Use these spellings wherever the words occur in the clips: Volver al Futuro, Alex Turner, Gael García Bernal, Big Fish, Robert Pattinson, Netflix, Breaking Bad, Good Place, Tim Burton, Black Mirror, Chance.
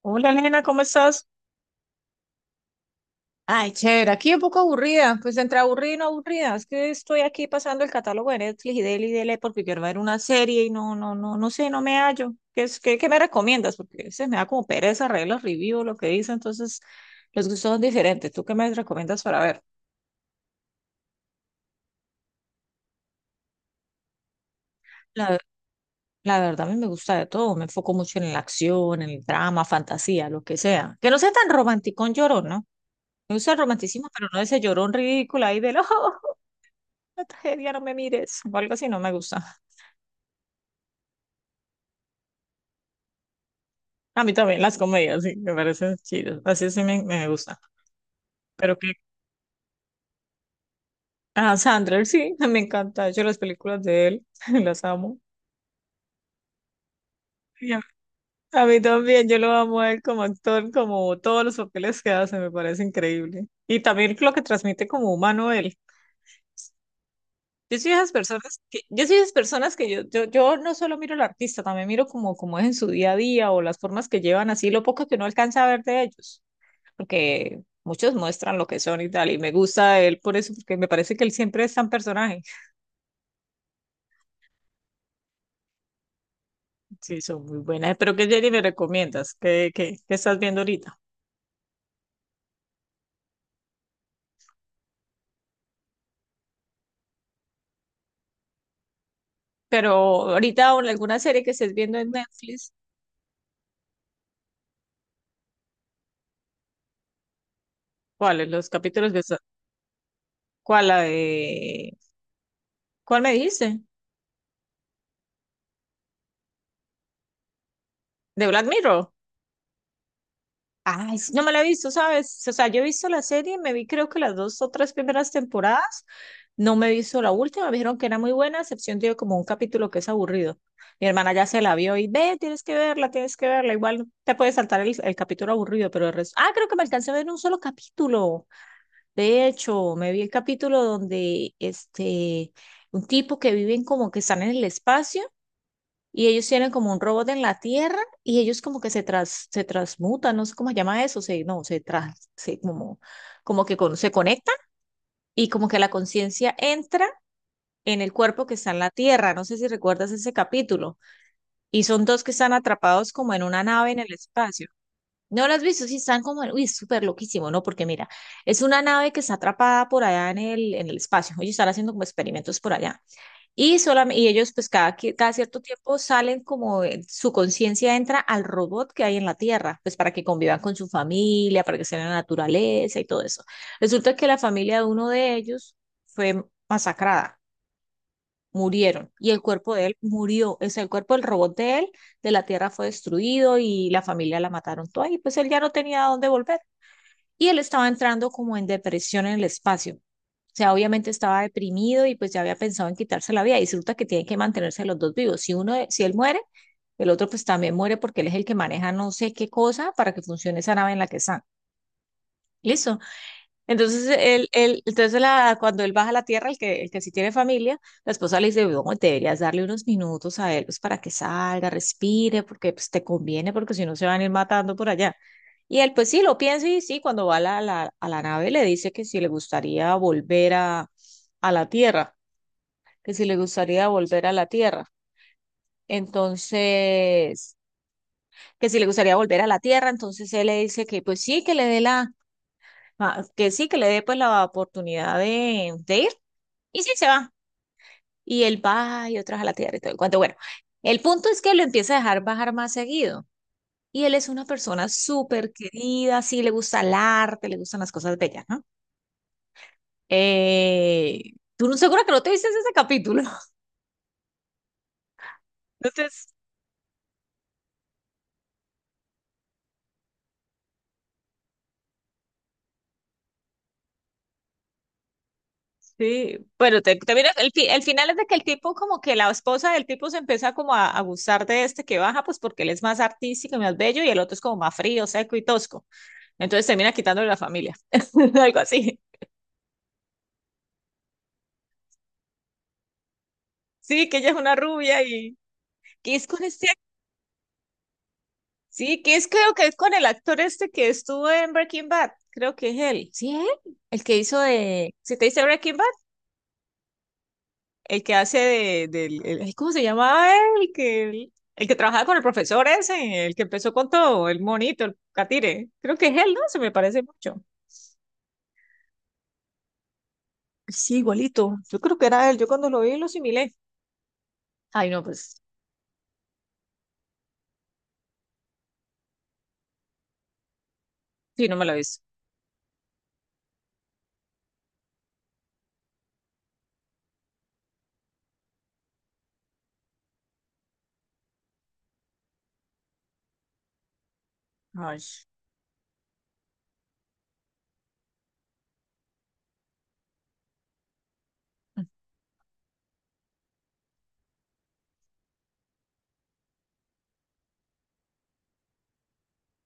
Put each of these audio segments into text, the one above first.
Hola, nena, ¿cómo estás? Ay, chévere, aquí un poco aburrida, pues entre aburrida y no aburrida, es que estoy aquí pasando el catálogo de Netflix y dele porque quiero ver una serie y no, no, no, no sé, no me hallo. ¿Qué es, qué me recomiendas? Porque se me da como pereza reír los reviews, lo que dicen, entonces los gustos son diferentes. ¿Tú qué me recomiendas para ver? La, la verdad, a mí me gusta de todo, me enfoco mucho en la acción, en el drama, fantasía, lo que sea. Que no sea tan romanticón llorón, ¿no? Me gusta el romanticismo, pero no ese llorón ridículo ahí del ojo. La tragedia, no me mires, o algo así, no me gusta. A mí también las comedias, sí, me parecen chidas, así sí me gusta. Pero que a Sandler sí, me encanta, de hecho las películas de él, las amo. Y A a mí también, yo lo amo a él como actor, como todos los papeles que hace, me parece increíble. Y también lo que transmite como humano él. Yo soy de esas personas que yo no solo miro al artista, también miro como es en su día a día o las formas que llevan así, lo poco que uno alcanza a ver de ellos. Porque muchos muestran lo que son y tal, y me gusta él por eso, porque me parece que él siempre es tan personaje. Sí, son muy buenas. ¿Pero que Jenny me recomiendas? ¿Qué estás viendo ahorita? Pero ahorita o en alguna serie que estés viendo en Netflix, ¿cuáles los capítulos que está-? ¿Cuál la de? ¿Cuál me dijiste? ¿De Black Mirror? Ay, sí, no me la he visto, ¿sabes? O sea, yo he visto la serie, me vi creo que las dos o tres primeras temporadas, no me he visto la última, me dijeron que era muy buena, a excepción de como un capítulo que es aburrido. Mi hermana ya se la vio y ve, tienes que verla, igual te puedes saltar el capítulo aburrido, pero el resto. Ah, creo que me alcancé a ver un solo capítulo. De hecho, me vi el capítulo donde este, un tipo que viven como que están en el espacio. Y ellos tienen como un robot en la Tierra y ellos como que se transmutan, no sé cómo se llama eso, se, no, se, tras, se conectan y como que la conciencia entra en el cuerpo que está en la Tierra. No sé si recuerdas ese capítulo. Y son dos que están atrapados como en una nave en el espacio. ¿No lo has visto? Sí, están como, uy, es súper loquísimo, ¿no? Porque mira, es una nave que está atrapada por allá en el espacio. Ellos están haciendo como experimentos por allá. Y, solamente, y ellos, pues cada cierto tiempo salen como su conciencia entra al robot que hay en la Tierra, pues para que convivan con su familia, para que estén en la naturaleza y todo eso. Resulta que la familia de uno de ellos fue masacrada, murieron, y el cuerpo de él murió, o sea, el cuerpo del robot de él, de la Tierra fue destruido y la familia la mataron toda, y pues él ya no tenía a dónde volver y él estaba entrando como en depresión en el espacio. O sea, obviamente estaba deprimido y pues ya había pensado en quitarse la vida y resulta que tienen que mantenerse los dos vivos. Si él muere, el otro pues también muere porque él es el que maneja no sé qué cosa para que funcione esa nave en la que están. ¿Listo? Entonces, cuando él baja a la tierra, el que sí tiene familia, la esposa le dice: "No, deberías darle unos minutos a él pues, para que salga, respire, porque pues, te conviene, porque si no se van a ir matando por allá". Y él, pues sí, lo piensa y sí, cuando va a a la nave le dice que si le gustaría volver a la tierra, que si le gustaría volver a la tierra. Entonces, que si le gustaría volver a la tierra, entonces él le dice que pues sí, que le dé pues la oportunidad de ir. Y sí, se va. Y él va y otras a la tierra y todo el cuento. Bueno, el punto es que lo empieza a dejar bajar más seguido. Y él es una persona súper querida, sí, le gusta el arte, le gustan las cosas bellas, ¿no? Eh, tú no seguro que no te viste ese capítulo. Entonces, sí, bueno, te miras- el, fi- el final es de que el tipo, como que la esposa del tipo se empieza como a gustar de este que baja, pues porque él es más artístico y más bello y el otro es como más frío, seco y tosco. Entonces termina quitándole la familia, algo así. Sí, que ella es una rubia y, ¿qué es con este? Sí, que es creo que es con el actor este que estuvo en Breaking Bad. Creo que es él. Sí, él. El que hizo de. ¿Se te dice Breaking Bad? El que hace de, del. Ay, ¿cómo se llamaba él? El que trabajaba con el profesor ese, el que empezó con todo, el monito, el catire. Creo que es él, ¿no? Se me parece mucho. Sí, igualito. Yo creo que era él. Yo cuando lo vi lo asimilé. Ay, no, pues. Sí, no me lo he visto. Ay.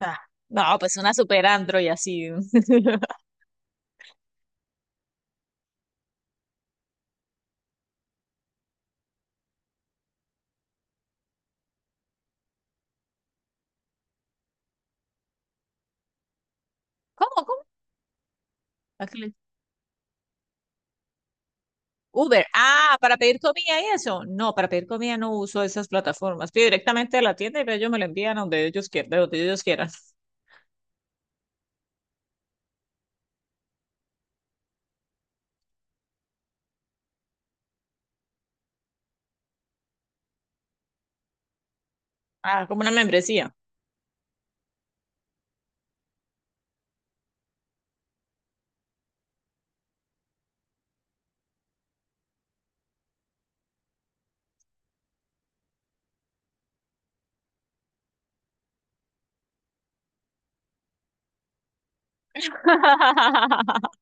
Ah, no, pues una super android así. ¿Cómo? ¿Cómo? Uber, ah, para pedir comida y eso. No, para pedir comida no uso esas plataformas. Pido directamente de la tienda y ellos me lo envían a donde ellos quieran, de donde ellos quieran. Ah, como una membresía.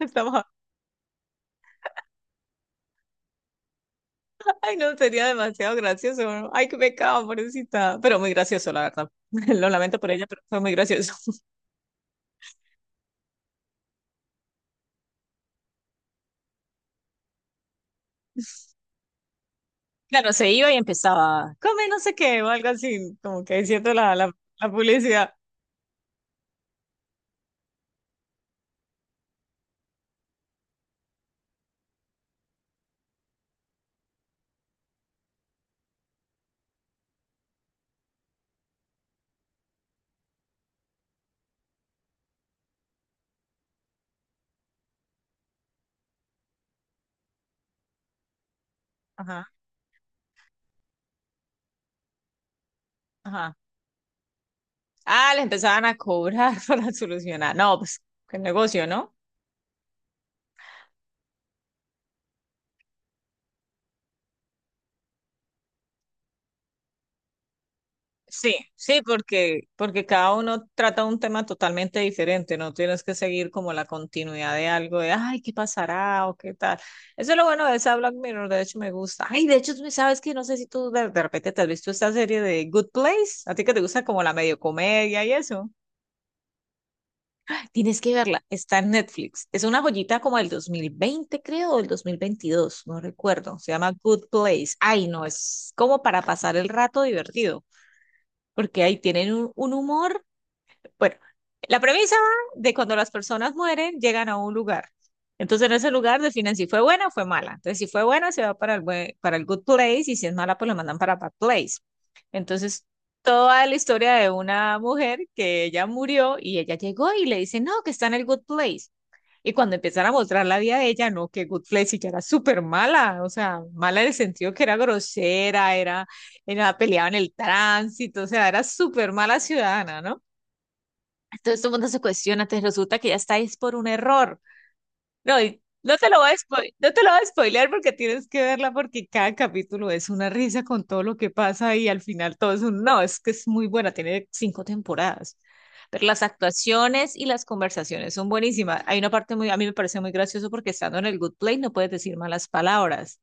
Estamos-. Ay, no, sería demasiado gracioso. ¿No? Ay, qué pecado, pobrecita. Pero muy gracioso, la verdad. Lo lamento por ella, pero fue muy gracioso. Claro, se iba y empezaba, come no sé qué, o algo así, como que diciendo la, la publicidad. Ajá, ajá. Ah, le empezaban a cobrar para solucionar. No, pues, qué negocio, ¿no? Sí, sí, porque cada uno trata un tema totalmente diferente, no tienes que seguir como la continuidad de algo de, ay, ¿qué pasará? O qué tal. Eso es lo bueno de esa Black Mirror, de hecho me gusta. Ay, de hecho, tú sabes que no sé si tú de repente te has visto esta serie de Good Place, a ti que te gusta como la medio comedia y eso. Tienes que verla, está en Netflix. Es una joyita como del 2020 creo, o del 2022. No recuerdo. Se llama Good Place. Ay, no, es como para pasar el rato divertido porque ahí tienen un, humor. Bueno, la premisa va de cuando las personas mueren, llegan a un lugar. Entonces, en ese lugar definen si fue buena o fue mala. Entonces, si fue buena, se va para para el good place y si es mala, pues lo mandan para bad place. Entonces, toda la historia de una mujer que ella murió y ella llegó y le dice, no, que está en el good place. Y cuando empiezan a mostrar la vida de ella, no, que good place, y ya era súper mala, o sea, mala en el sentido que era grosera, era peleaba en el tránsito, o sea, era súper mala ciudadana, ¿no? Entonces todo el mundo se cuestiona, te resulta que ya estáis por un error. No, y no te lo voy a spoiler, no te lo voy a spoilear porque tienes que verla porque cada capítulo es una risa con todo lo que pasa y al final todo es un no, es que es muy buena, tiene cinco temporadas. Pero las actuaciones y las conversaciones son buenísimas. Hay una parte muy, a mí me parece muy gracioso porque estando en el good place no puedes decir malas palabras.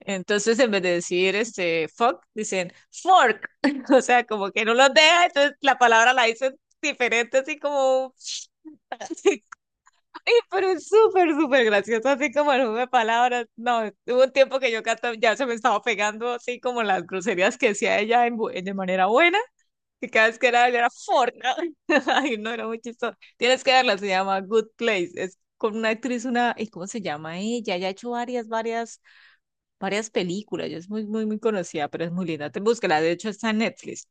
Entonces, en vez de decir este fuck, dicen fork. O sea, como que no los deja, entonces la palabra la dicen diferente, así como sí, pero es súper, súper gracioso, así como el juego de palabras. No, hubo un tiempo que yo ya se me estaba pegando así como las groserías que decía ella de manera buena, que cada vez que era forca. Ay, no, era muy chistoso. Tienes que verla, se llama Good Place. Es con una actriz, una, ¿y cómo se llama ella? Ella ha hecho varias películas. Ella es muy, muy, muy conocida, pero es muy linda. Te búsquela, de hecho está en Netflix.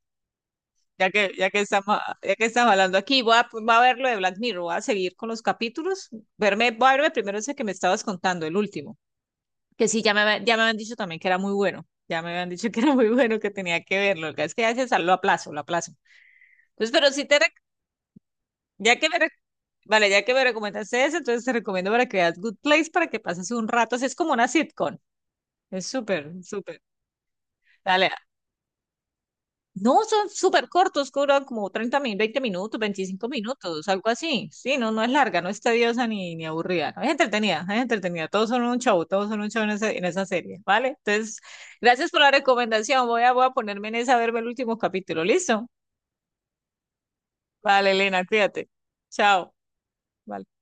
Ya que estamos hablando aquí, voy a ver lo de Black Mirror, voy a seguir con los capítulos, voy a verme primero ese que me estabas contando, el último, que sí, ya me habían dicho también que era muy bueno, ya me habían dicho que era muy bueno, que tenía que verlo, lo que es que a veces lo aplazo, lo aplazo. Entonces, pero sí te, rec- ya que me, rec- vale, ya que me recomendaste ese, entonces te recomiendo para que veas Good Place, para que pases un rato, así es como una sitcom, es súper, súper. Dale, no, son súper cortos, duran como 30 minutos, 20 minutos, 25 minutos, algo así. Sí, no, no es larga, no es tediosa ni aburrida. No, es entretenida, es entretenida. Todos son un show, todos son un show en esa serie, ¿vale? Entonces, gracias por la recomendación. Voy a ponerme en esa a verme el último capítulo. ¿Listo? Vale, Elena, cuídate. Chao. Vale.